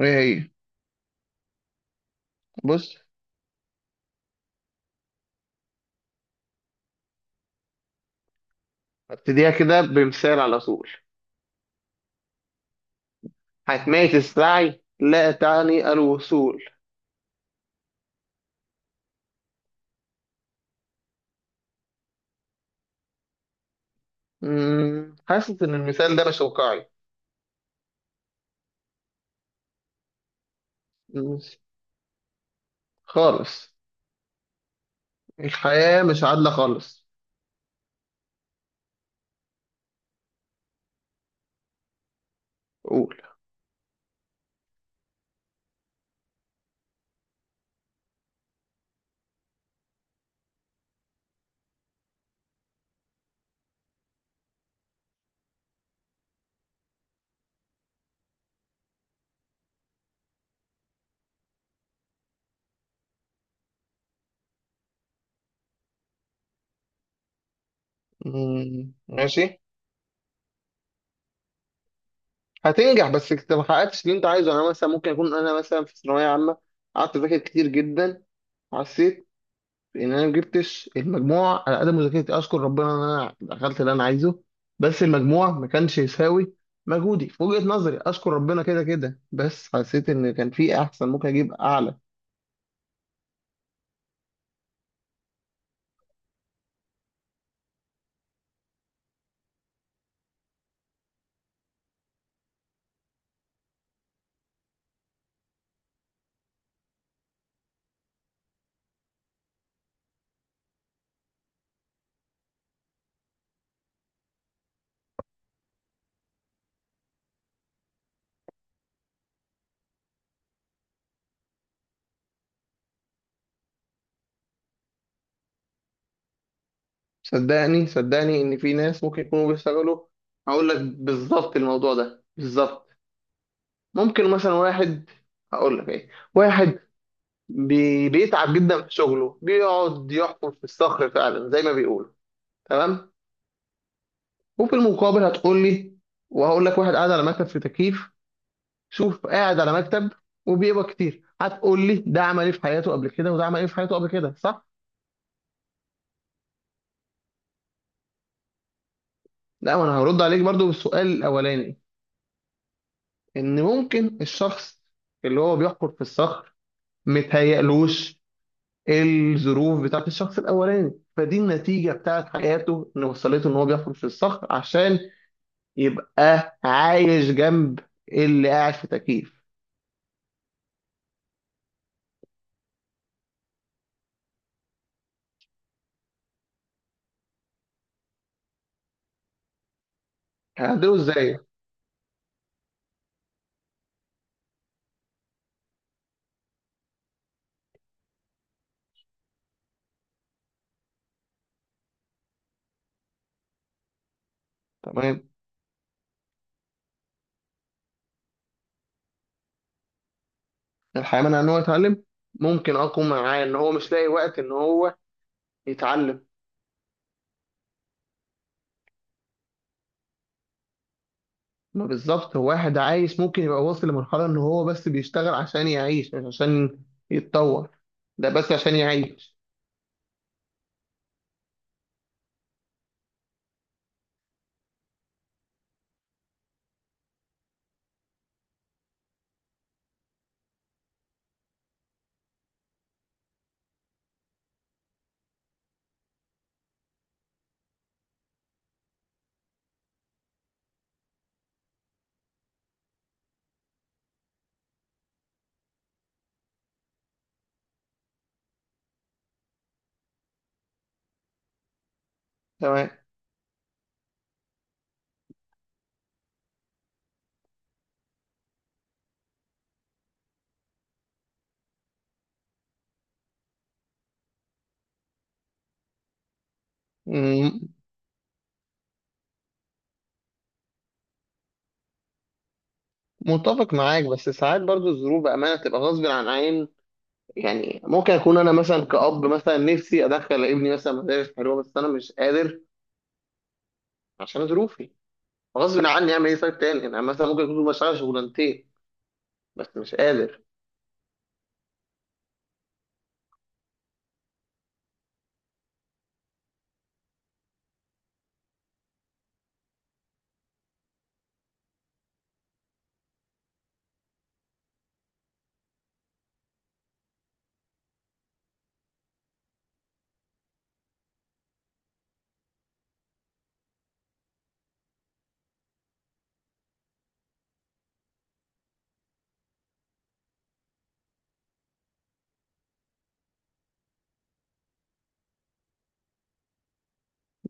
ايه. هي. بص. هبتديها كده بمثال على طول. حتمية السعي لا تعني الوصول. حاسس ان المثال ده مش واقعي. مم، خالص. الحياة مش عادلة خالص. قول. مم، ماشي. هتنجح بس انت ما حققتش اللي انت عايزه. انا مثلا ممكن اكون انا مثلا في ثانوية عامة، قعدت اذاكر كتير جدا، حسيت ان انا ما جبتش المجموع على قد مذاكرتي. اشكر ربنا ان انا دخلت اللي انا عايزه، بس المجموع ما كانش يساوي مجهودي في وجهة نظري. اشكر ربنا كده كده، بس حسيت ان كان في احسن، ممكن اجيب اعلى. صدقني صدقني ان في ناس ممكن يكونوا بيشتغلوا. هقول لك بالظبط الموضوع ده بالظبط. ممكن مثلا واحد، هقول لك ايه، واحد بيتعب جدا في شغله، بيقعد يحفر في الصخر فعلا زي ما بيقولوا. تمام. وفي المقابل هتقول لي، وهقول لك، واحد قاعد على مكتب في تكييف. شوف قاعد على مكتب وبيقبض كتير. هتقول لي ده عمل ايه في حياته قبل كده وده عمل ايه في حياته قبل كده، صح؟ لا، ما انا هرد عليك برضو بالسؤال الاولاني. ان ممكن الشخص اللي هو بيحفر في الصخر متهيألوش الظروف بتاعت الشخص الاولاني، فدي النتيجة بتاعت حياته ان وصلته ان هو بيحفر في الصخر عشان يبقى عايش جنب اللي قاعد في تكييف. هعدله ازاي؟ تمام. الحياة منع ان هو يتعلم؟ ممكن اقوم معاه ان هو مش لاقي وقت ان هو يتعلم. ما بالظبط هو واحد عايش ممكن يبقى واصل لمرحلة ان هو بس بيشتغل عشان يعيش، مش عشان يتطور. ده بس عشان يعيش. تمام. مم. متفق معاك، بس ساعات برضو الظروف بأمانة تبقى غصب عن عين. يعني ممكن أكون أنا مثلا كأب، مثلا نفسي أدخل ابني مثلا مدارس حلوة، بس أنا مش قادر عشان ظروفي. غصب عني، أعمل إيه؟ طيب تاني، أنا مثلا ممكن أكون بشتغل شغلانتين، بس مش قادر.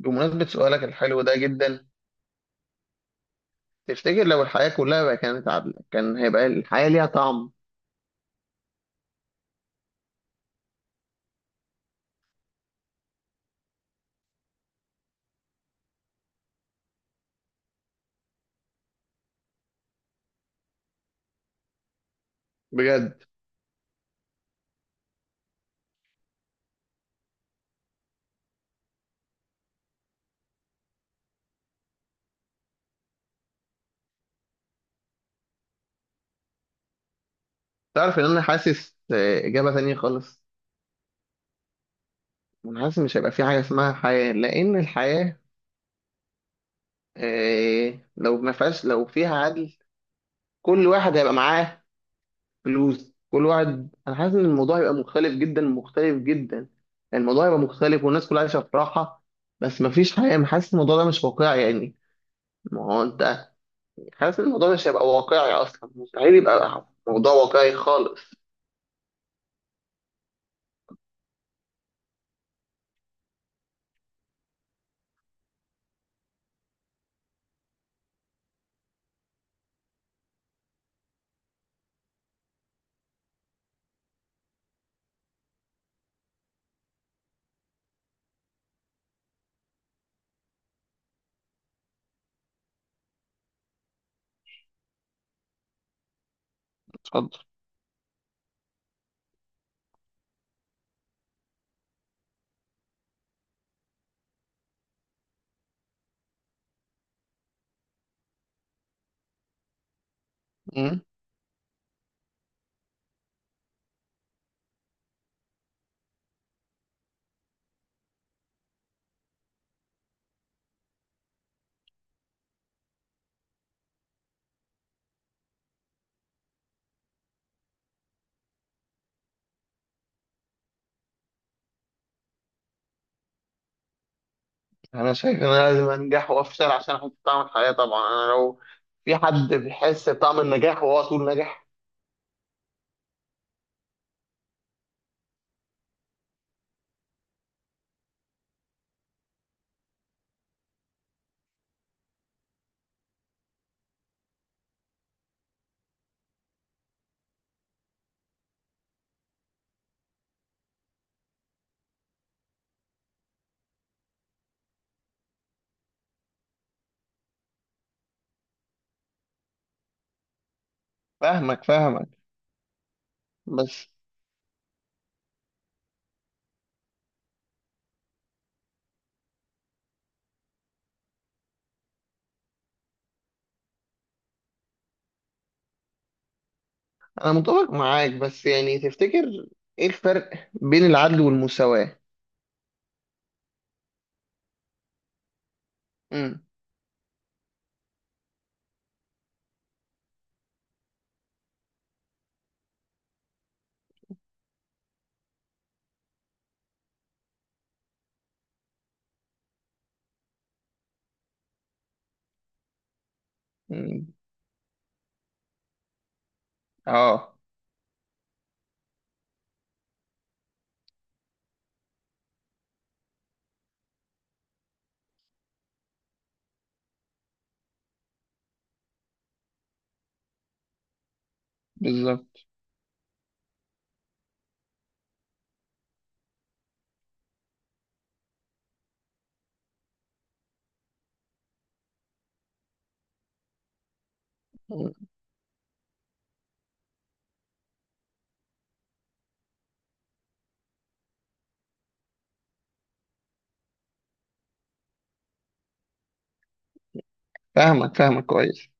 بمناسبة سؤالك الحلو ده جدا، تفتكر لو الحياة كلها بقى كانت عادلة، كان هيبقى الحياة ليها طعم؟ بجد. تعرف إن أنا حاسس إجابة تانية خالص. أنا حاسس مش هيبقى في حاجة اسمها حياة، لأن الحياة لو ما فيهاش، لو فيها عدل، كل واحد هيبقى معاه فلوس، كل واحد. أنا حاسس إن الموضوع هيبقى مختلف جدا، مختلف جدا. الموضوع هيبقى مختلف والناس كلها عايشة في راحة، بس مفيش حياة. أنا حاسس الموضوع ده مش واقعي يعني. ما هو أنت حاسس إن الموضوع مش هيبقى واقعي أصلا، مستحيل يبقى موضوع واقعي خالص. اتفضل. أمم. أنا شايف إن أنا لازم أنجح وأفشل عشان أحس بطعم الحياة. طبعا أنا لو في حد بيحس بطعم النجاح وهو طول ناجح. فاهمك فاهمك. بس أنا متفق معاك، بس يعني تفتكر إيه الفرق بين العدل والمساواة؟ أمم. أمم. آه. بالظبط. أمم. فاهمك فاهمك كويس.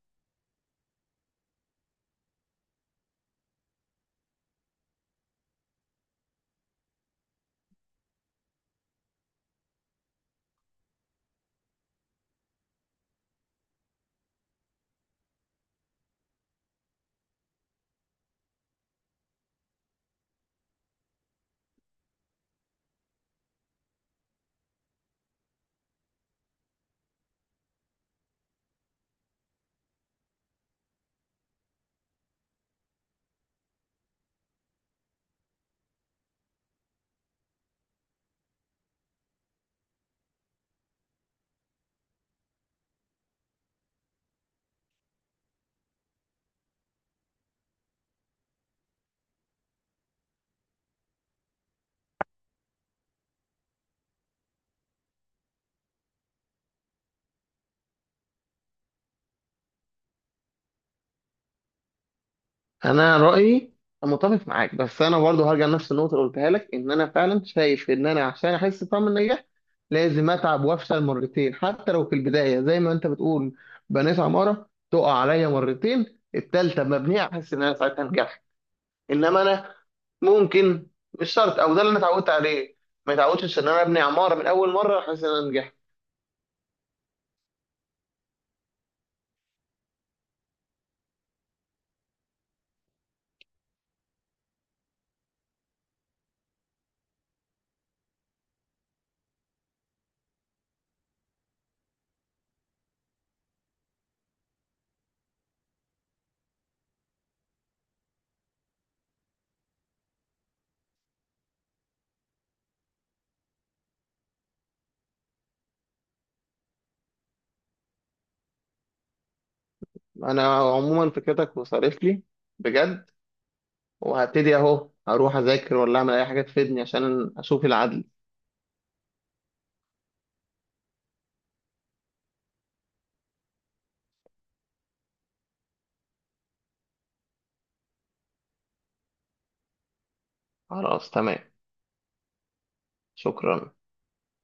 انا رايي متفق معاك، بس انا برضه هرجع لنفس النقطه اللي قلتها لك، ان انا فعلا شايف ان انا عشان احس بطعم النجاح لازم اتعب وافشل مرتين. حتى لو في البدايه زي ما انت بتقول، بنيت عماره تقع عليا مرتين، التالته مبنيه، احس ان انا ساعتها نجحت. انما انا ممكن، مش شرط، او ده اللي انا اتعودت عليه. ما اتعودتش ان انا ابني عماره من اول مره احس ان انا نجحت. انا عموما فكرتك وصارف لي، بجد. وهبتدي اهو اروح اذاكر ولا اعمل اي حاجه تفيدني عشان اشوف العدل. خلاص تمام. شكرا.